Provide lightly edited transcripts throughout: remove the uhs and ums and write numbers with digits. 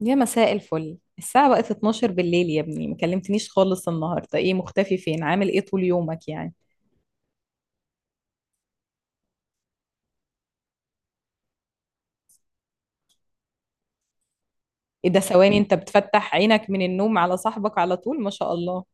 يا مساء الفل، الساعة بقت 12 بالليل. يا ابني، ما كلمتنيش خالص النهاردة. ايه، مختفي فين؟ عامل ايه طول يومك يعني؟ ايه ده؟ ثواني، انت بتفتح عينك من النوم على صاحبك على طول؟ ما شاء الله.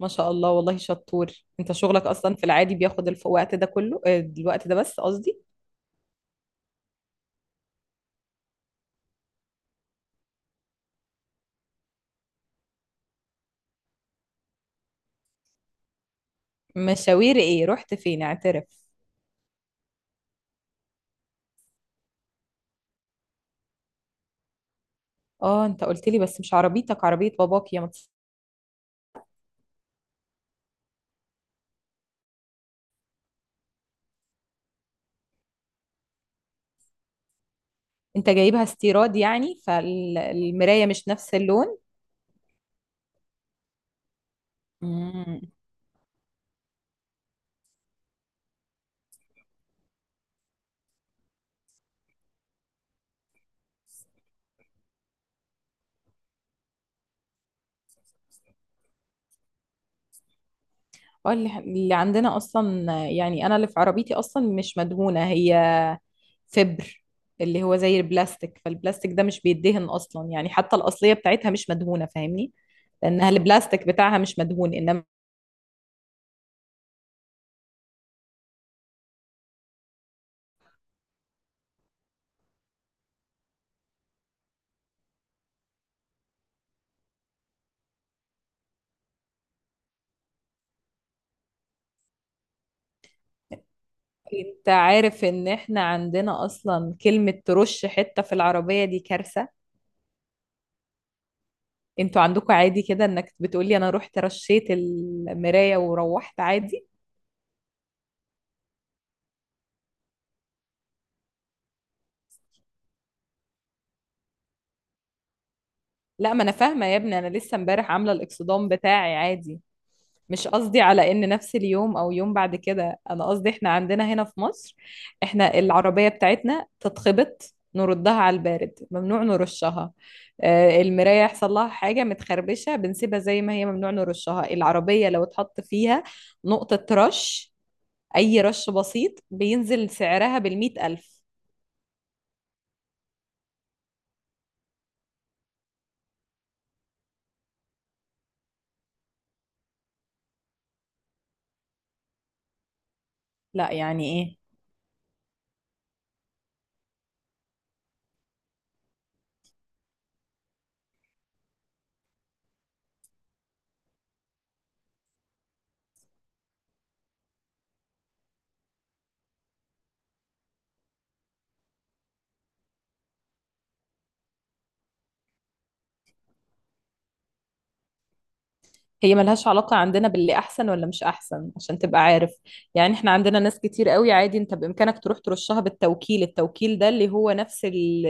ما شاء الله، والله شطور. انت شغلك اصلا في العادي بياخد الوقت ده كله؟ الوقت ده بس، قصدي. مشاوير ايه؟ رحت فين؟ اعترف. اه، انت قلت لي، بس مش عربيتك، عربية باباك انت جايبها استيراد يعني، فالمراية مش نفس اللون. اه، اللي عندنا اصلا يعني، انا اللي في عربيتي اصلا مش مدهونه هي، فبر اللي هو زي البلاستيك، فالبلاستيك ده مش بيدهن اصلا يعني، حتى الاصليه بتاعتها مش مدهونه، فاهمني. لانها البلاستيك بتاعها مش مدهون، انما. انت عارف ان احنا عندنا اصلا كلمه ترش حته في العربيه دي كارثه؟ انتوا عندكم عادي كده انك بتقولي انا رحت رشيت المرايه وروحت عادي. لا، ما انا فاهمه يا ابني، انا لسه امبارح عامله الاكسدام بتاعي عادي. مش قصدي على ان نفس اليوم او يوم بعد كده، انا قصدي احنا عندنا هنا في مصر. احنا العربية بتاعتنا تتخبط نردها على البارد، ممنوع نرشها. المراية يحصل لها حاجة متخربشة بنسيبها زي ما هي، ممنوع نرشها العربية. لو اتحط فيها نقطة رش، أي رش بسيط، بينزل سعرها بالمئة ألف. لا، يعني إيه؟ هي ملهاش علاقة عندنا باللي أحسن ولا مش أحسن عشان تبقى عارف. يعني إحنا عندنا ناس كتير قوي عادي، أنت بإمكانك تروح ترشها بالتوكيل، التوكيل ده اللي هو نفس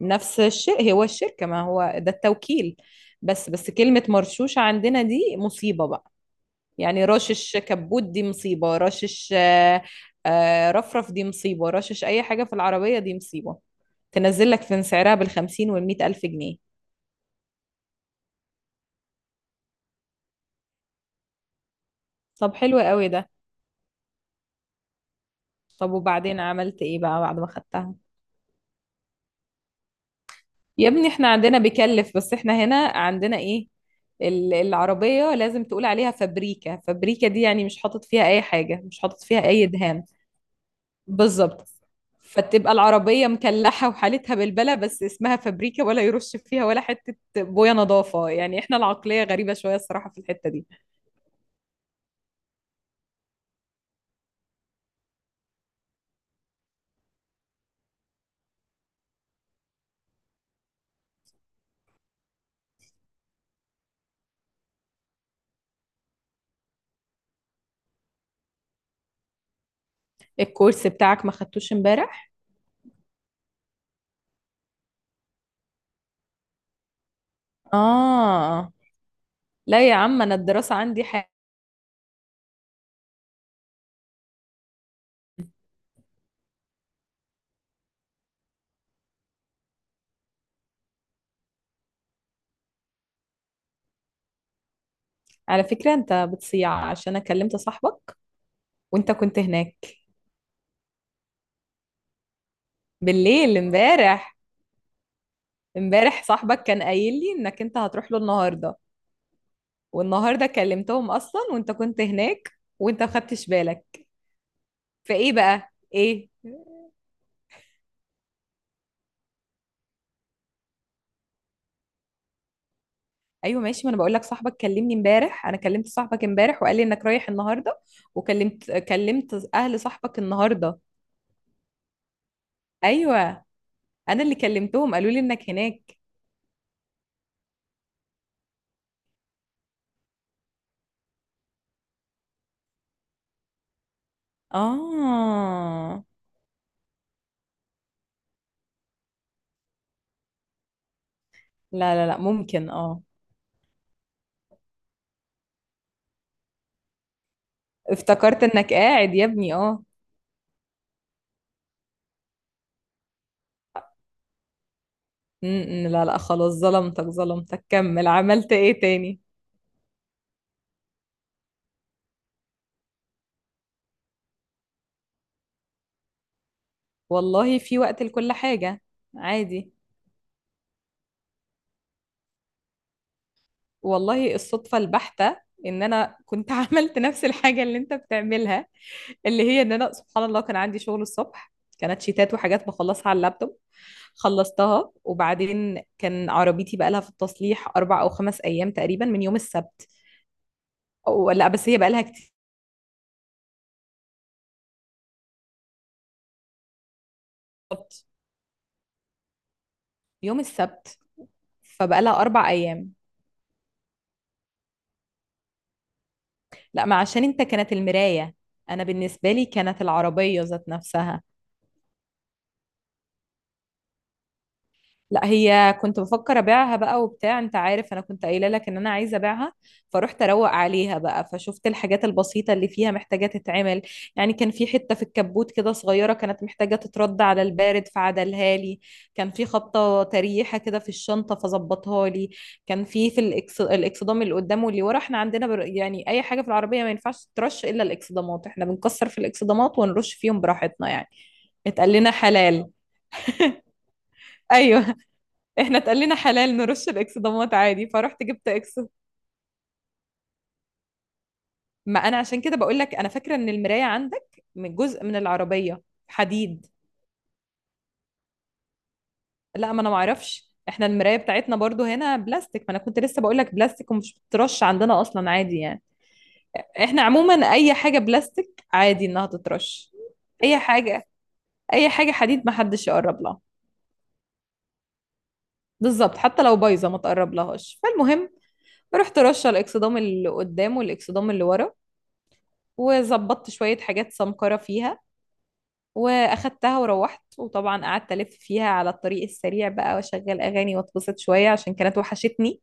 نفس الشيء، هو الشركة، ما هو ده التوكيل. بس كلمة مرشوشة عندنا دي مصيبة بقى. يعني رشش كبوت دي مصيبة، رشش رفرف دي مصيبة، رشش أي حاجة في العربية دي مصيبة تنزل لك في سعرها بالخمسين والمية ألف جنيه. طب حلو قوي ده. طب، وبعدين عملت إيه بقى بعد ما خدتها؟ يا ابني احنا عندنا بيكلف، بس احنا هنا عندنا ايه، العربية لازم تقول عليها فابريكا. فابريكا دي يعني مش حاطط فيها اي حاجة، مش حاطط فيها اي دهان. بالظبط. فتبقى العربية مكلحة وحالتها بالبلة، بس اسمها فابريكا، ولا يرش فيها ولا حتة بوية نظافة. يعني احنا العقلية غريبة شوية الصراحة في الحتة دي. الكورس بتاعك ما خدتوش امبارح؟ اه، لا يا عم، انا الدراسة عندي حاجة. على فكرة انت بتصيع، عشان انا كلمت صاحبك وانت كنت هناك. بالليل، امبارح. امبارح صاحبك كان قايل لي انك انت هتروح له النهارده، والنهارده كلمتهم اصلا وانت كنت هناك، وانت ما خدتش بالك، فايه بقى ايه؟ ايوه ماشي، ما انا بقول لك صاحبك كلمني امبارح، انا كلمت صاحبك امبارح وقال لي انك رايح النهارده، وكلمت اهل صاحبك النهارده. ايوه، انا اللي كلمتهم قالوا لي انك هناك. اه، لا لا لا، ممكن اه. افتكرت انك قاعد يا ابني، اه. م- لا لا خلاص، ظلمتك ظلمتك. كمل، عملت ايه تاني؟ والله في وقت لكل حاجة، عادي. والله، الصدفة البحتة ان انا كنت عملت نفس الحاجة اللي انت بتعملها، اللي هي ان انا سبحان الله كان عندي شغل الصبح. كانت شيتات وحاجات بخلصها على اللابتوب، خلصتها. وبعدين كان عربيتي بقالها في التصليح اربع او خمس ايام تقريبا من يوم السبت. أو لا، بس هي بقالها كتير. بالظبط. يوم السبت. فبقالها اربع ايام. لا، ما عشان انت كانت المراية، انا بالنسبة لي كانت العربية ذات نفسها. لا، هي كنت بفكر ابيعها بقى وبتاع، انت عارف انا كنت قايله لك ان انا عايزه ابيعها. فروحت اروق عليها بقى، فشفت الحاجات البسيطه اللي فيها محتاجه تتعمل. يعني كان في حته في الكبوت كده صغيره كانت محتاجه تترد على البارد، فعدلها لي. كان في خبطه تريحه كده في الشنطه، فظبطها لي. كان في الاكسدام اللي قدام واللي ورا. احنا عندنا يعني اي حاجه في العربيه ما ينفعش ترش الا الاكسدامات. احنا بنكسر في الاكسدامات ونرش فيهم براحتنا يعني. اتقال لنا حلال. ايوه، احنا اتقال لنا حلال نرش الاكسدامات عادي. فرحت جبت ما انا عشان كده بقول لك، انا فاكره ان المرايه عندك من جزء من العربيه، حديد. لا، ما انا ما اعرفش، احنا المرايه بتاعتنا برضو هنا بلاستيك، ما انا كنت لسه بقول لك بلاستيك ومش بترش عندنا اصلا عادي يعني. احنا عموما اي حاجه بلاستيك عادي انها تترش. اي حاجه، اي حاجه حديد ما حدش يقرب لها. بالظبط، حتى لو بايظه ما تقرب لهاش. فالمهم، رحت رشه الاكسدام اللي قدام والاكسدام اللي ورا، وظبطت شويه حاجات سمكره فيها، واخدتها وروحت. وطبعا قعدت الف فيها على الطريق السريع بقى، واشغل اغاني واتبسط شويه، عشان كانت وحشتني.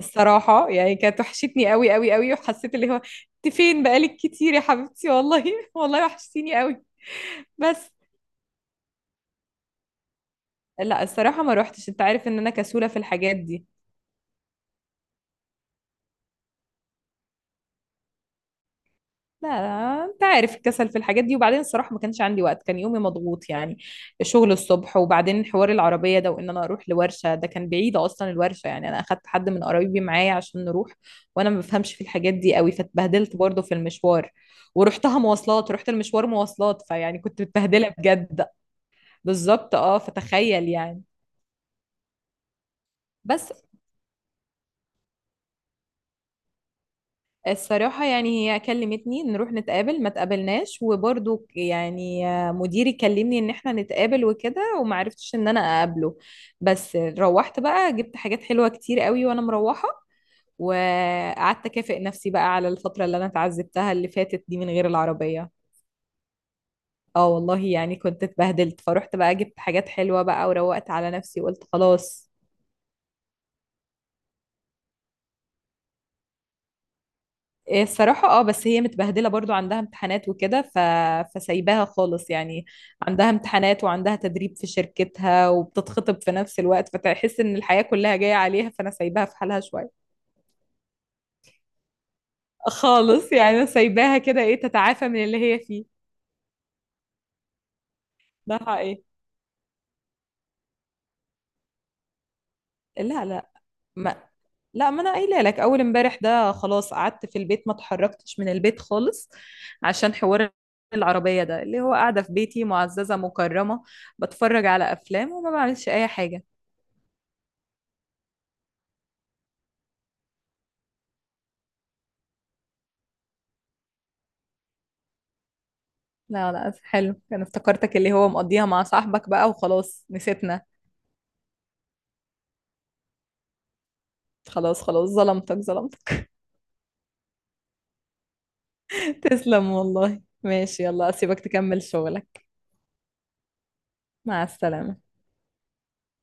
الصراحه يعني كانت وحشتني قوي قوي قوي، وحسيت اللي هو انت فين بقالك كتير يا حبيبتي، والله والله وحشتيني قوي. بس، لا الصراحه ما روحتش، انت عارف ان انا كسوله في الحاجات دي. لا لا، انت عارف الكسل في الحاجات دي، وبعدين الصراحة ما كانش عندي وقت، كان يومي مضغوط يعني. الشغل الصبح، وبعدين حوار العربية ده، وان انا اروح لورشة ده كان بعيد اصلا الورشة، يعني انا اخدت حد من قرايبي معايا عشان نروح. وانا ما بفهمش في الحاجات دي قوي، فاتبهدلت برضه في المشوار. ورحتها مواصلات، رحت المشوار مواصلات، فيعني كنت متبهدلة بجد. بالظبط اه، فتخيل يعني. بس، الصراحة يعني هي كلمتني نروح نتقابل ما تقابلناش، وبرضو يعني مديري كلمني ان احنا نتقابل وكده، وما عرفتش ان انا اقابله. بس روحت بقى جبت حاجات حلوة كتير قوي وانا مروحة، وقعدت اكافئ نفسي بقى على الفترة اللي انا اتعذبتها اللي فاتت دي من غير العربية. اه والله يعني كنت اتبهدلت، فروحت بقى جبت حاجات حلوة بقى وروقت على نفسي وقلت خلاص. إيه الصراحة اه، بس هي متبهدلة برضو، عندها امتحانات وكده فسايباها خالص يعني. عندها امتحانات وعندها تدريب في شركتها وبتتخطب في نفس الوقت، فتحس ان الحياة كلها جاية عليها، فانا سايباها في حالها شوية. خالص يعني انا سايباها كده ايه تتعافى من اللي هي فيه. ده حقيقي. لا لا، ما ما انا قايله لك اول امبارح ده خلاص قعدت في البيت، ما اتحركتش من البيت خالص عشان حوار العربية ده، اللي هو قاعدة في بيتي معززة مكرمة، بتفرج على افلام وما بعملش اي حاجة. لا لا، حلو، انا افتكرتك اللي هو مقضيها مع صاحبك بقى وخلاص نسيتنا. خلاص خلاص، ظلمتك ظلمتك. تسلم والله، ماشي، يلا اسيبك تكمل شغلك. مع السلامة.